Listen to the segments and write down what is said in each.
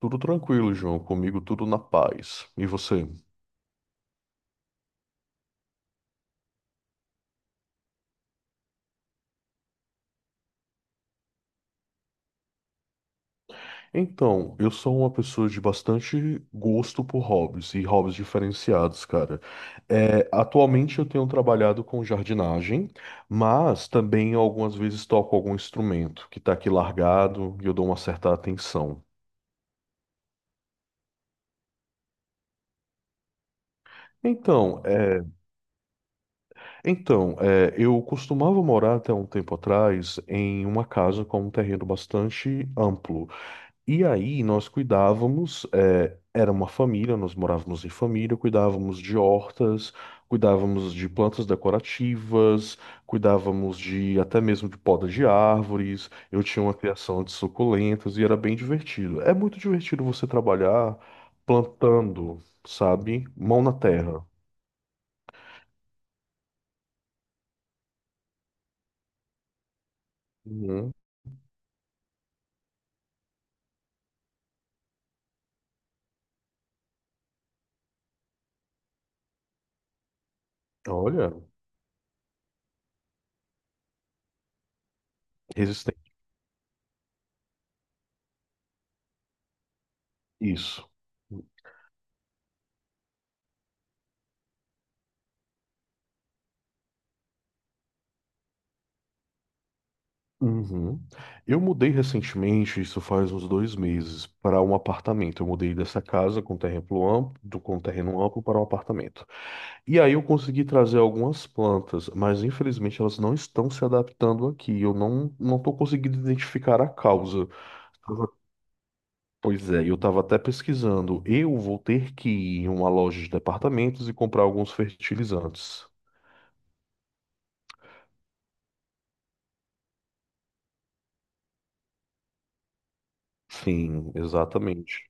Tudo tranquilo, João. Comigo tudo na paz. E você? Então, eu sou uma pessoa de bastante gosto por hobbies e hobbies diferenciados, cara. Atualmente eu tenho trabalhado com jardinagem, mas também algumas vezes toco algum instrumento que está aqui largado e eu dou uma certa atenção. Então, é, eu costumava morar até um tempo atrás em uma casa com um terreno bastante amplo. E aí nós cuidávamos, era uma família, nós morávamos em família, cuidávamos de hortas, cuidávamos de plantas decorativas, cuidávamos de até mesmo de poda de árvores. Eu tinha uma criação de suculentas e era bem divertido. É muito divertido você trabalhar plantando, sabe? Mão na terra. Uhum. Olha, resistente. Isso. Uhum. Eu mudei recentemente, isso faz uns dois meses, para um apartamento. Eu mudei dessa casa com terreno amplo, com terreno amplo para um apartamento. E aí eu consegui trazer algumas plantas, mas infelizmente elas não estão se adaptando aqui. Eu não estou conseguindo identificar a causa. Tava- Pois é, eu estava até pesquisando. Eu vou ter que ir em uma loja de departamentos e comprar alguns fertilizantes. Sim, exatamente.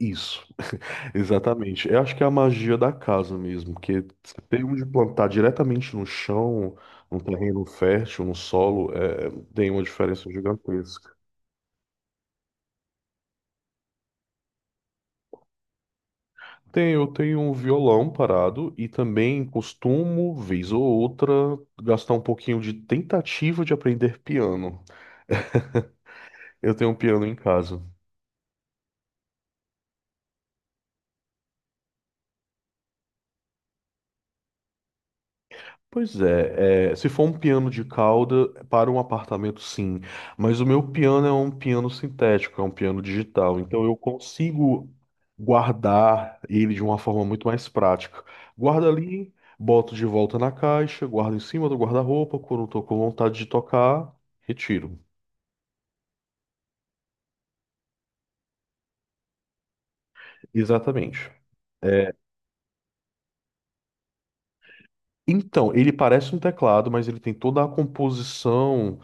Isso. Exatamente. Eu acho que é a magia da casa mesmo, que você tem onde plantar diretamente no chão, num terreno fértil, no solo, tem uma diferença gigantesca. Tem, eu tenho um violão parado e também costumo, vez ou outra, gastar um pouquinho de tentativa de aprender piano. Eu tenho um piano em casa. Pois é, se for um piano de cauda, para um apartamento, sim. Mas o meu piano é um piano sintético, é um piano digital. Então eu consigo guardar ele de uma forma muito mais prática. Guarda ali, boto de volta na caixa, guardo em cima do guarda-roupa. Quando estou com vontade de tocar, retiro. Exatamente. É, Então, ele parece um teclado, mas ele tem toda a composição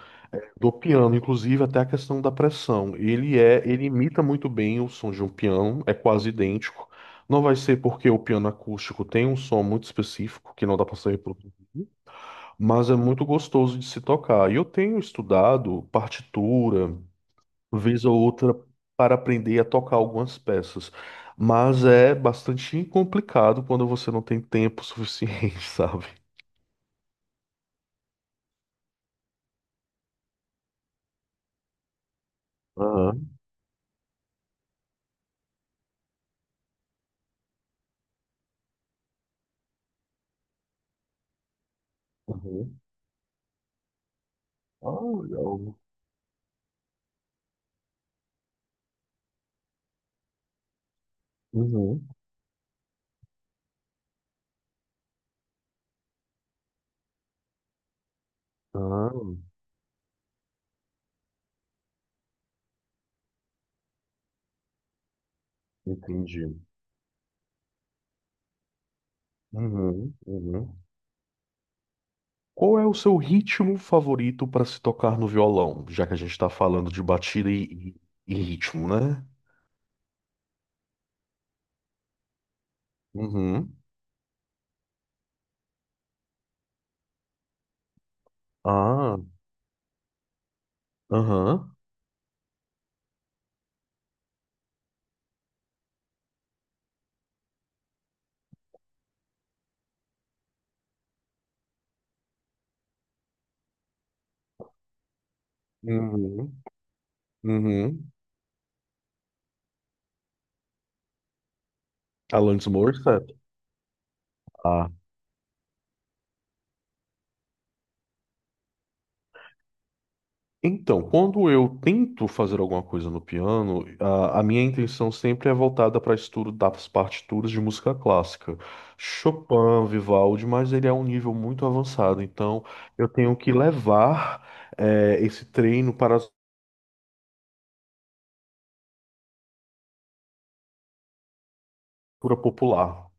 do piano, inclusive até a questão da pressão. Ele imita muito bem o som de um piano, é quase idêntico. Não vai ser porque o piano acústico tem um som muito específico que não dá para ser reproduzir, mas é muito gostoso de se tocar. E eu tenho estudado partitura, vez ou outra, para aprender a tocar algumas peças. Mas é bastante complicado quando você não tem tempo suficiente, sabe? Aham, aham. Ah, legal. Uhum. Ah, entendi. Uhum, uhum. Qual é o seu ritmo favorito para se tocar no violão? Já que a gente está falando de batida e, e ritmo, né? Uhum. Ah, aham. Uhum. Uhum. Alanis Morissette. Então, quando eu tento fazer alguma coisa no piano, a minha intenção sempre é voltada para estudo das partituras de música clássica. Chopin, Vivaldi, mas ele é um nível muito avançado, então eu tenho que levar esse treino para a cultura popular.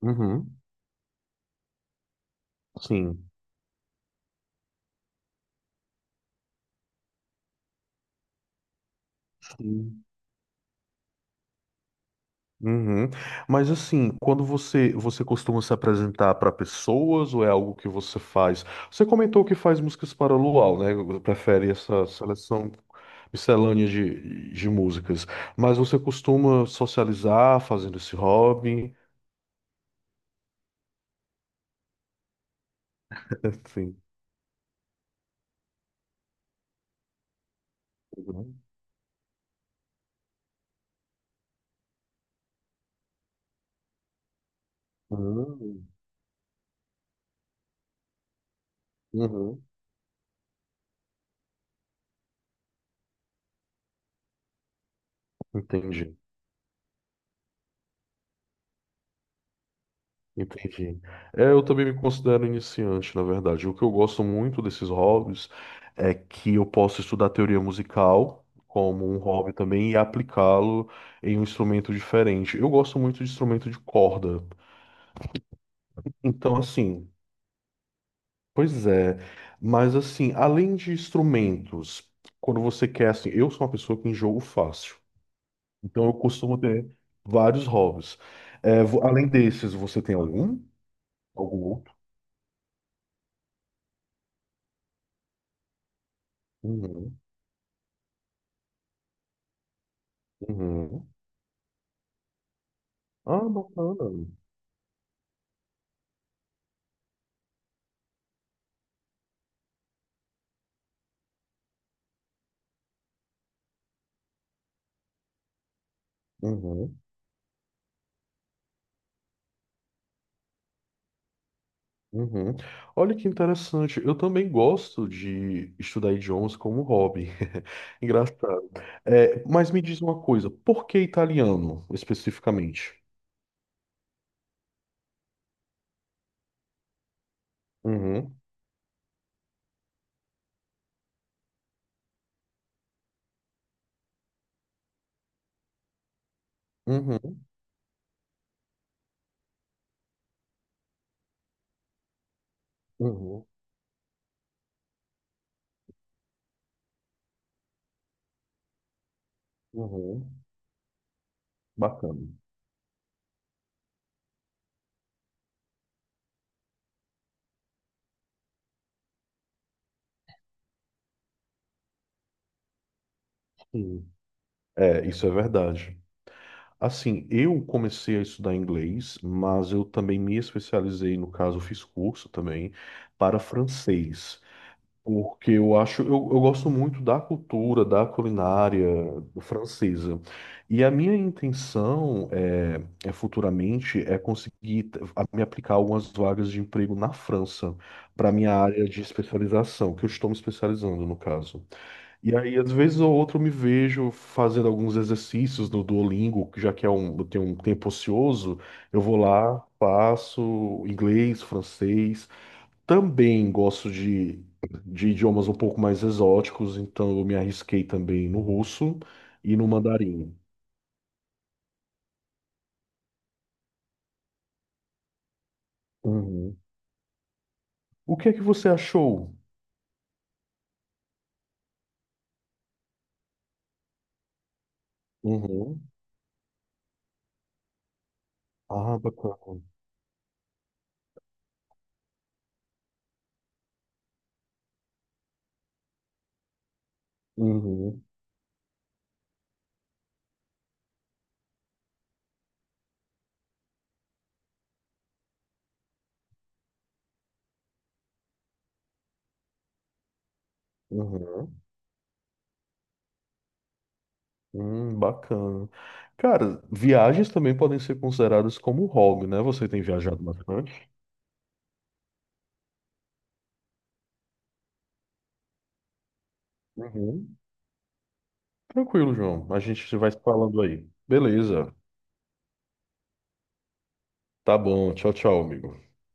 Uhum, sim. Uhum. Mas assim, quando você costuma se apresentar para pessoas ou é algo que você faz? Você comentou que faz músicas para luau, né? Prefere essa seleção miscelânea de músicas. Mas você costuma socializar fazendo esse hobby? Sim. Uhum. Uhum. Entendi. Entendi. É, eu também me considero iniciante, na verdade. O que eu gosto muito desses hobbies é que eu posso estudar teoria musical como um hobby também e aplicá-lo em um instrumento diferente. Eu gosto muito de instrumento de corda. Então, assim, pois é. Mas, assim, além de instrumentos, quando você quer, assim, eu sou uma pessoa que enjoo fácil. Então, eu costumo ter vários hobbies. É, além desses, você tem algum? Algum outro? Uhum. Uhum. Ah, bacana. Uhum, uhum. Olha que interessante. Eu também gosto de estudar idiomas como hobby. Engraçado. É, mas me diz uma coisa, por que italiano especificamente? Uhum, uhum, uhum, uhum. Bacana. Sim. É, isso é verdade. Assim, eu comecei a estudar inglês, mas eu também me especializei, no caso, fiz curso também para francês. Porque eu acho, eu gosto muito da cultura, da culinária francesa. E a minha intenção é futuramente é conseguir me aplicar algumas vagas de emprego na França para minha área de especialização, que eu estou me especializando no caso. E aí, às vezes ou outro, eu me vejo fazendo alguns exercícios no Duolingo, que já que é um, eu tenho um tempo ocioso, eu vou lá, faço inglês, francês. Também gosto de idiomas um pouco mais exóticos, então eu me arrisquei também no russo e no mandarim. Uhum. O que é que você achou? Uhum. Ah, bacana. Uhum. Uhum. Bacana. Cara, viagens também podem ser consideradas como hobby, né? Você tem viajado bastante? Uhum. Tranquilo, João. A gente vai se falando aí. Beleza. Tá bom. Tchau, tchau, amigo.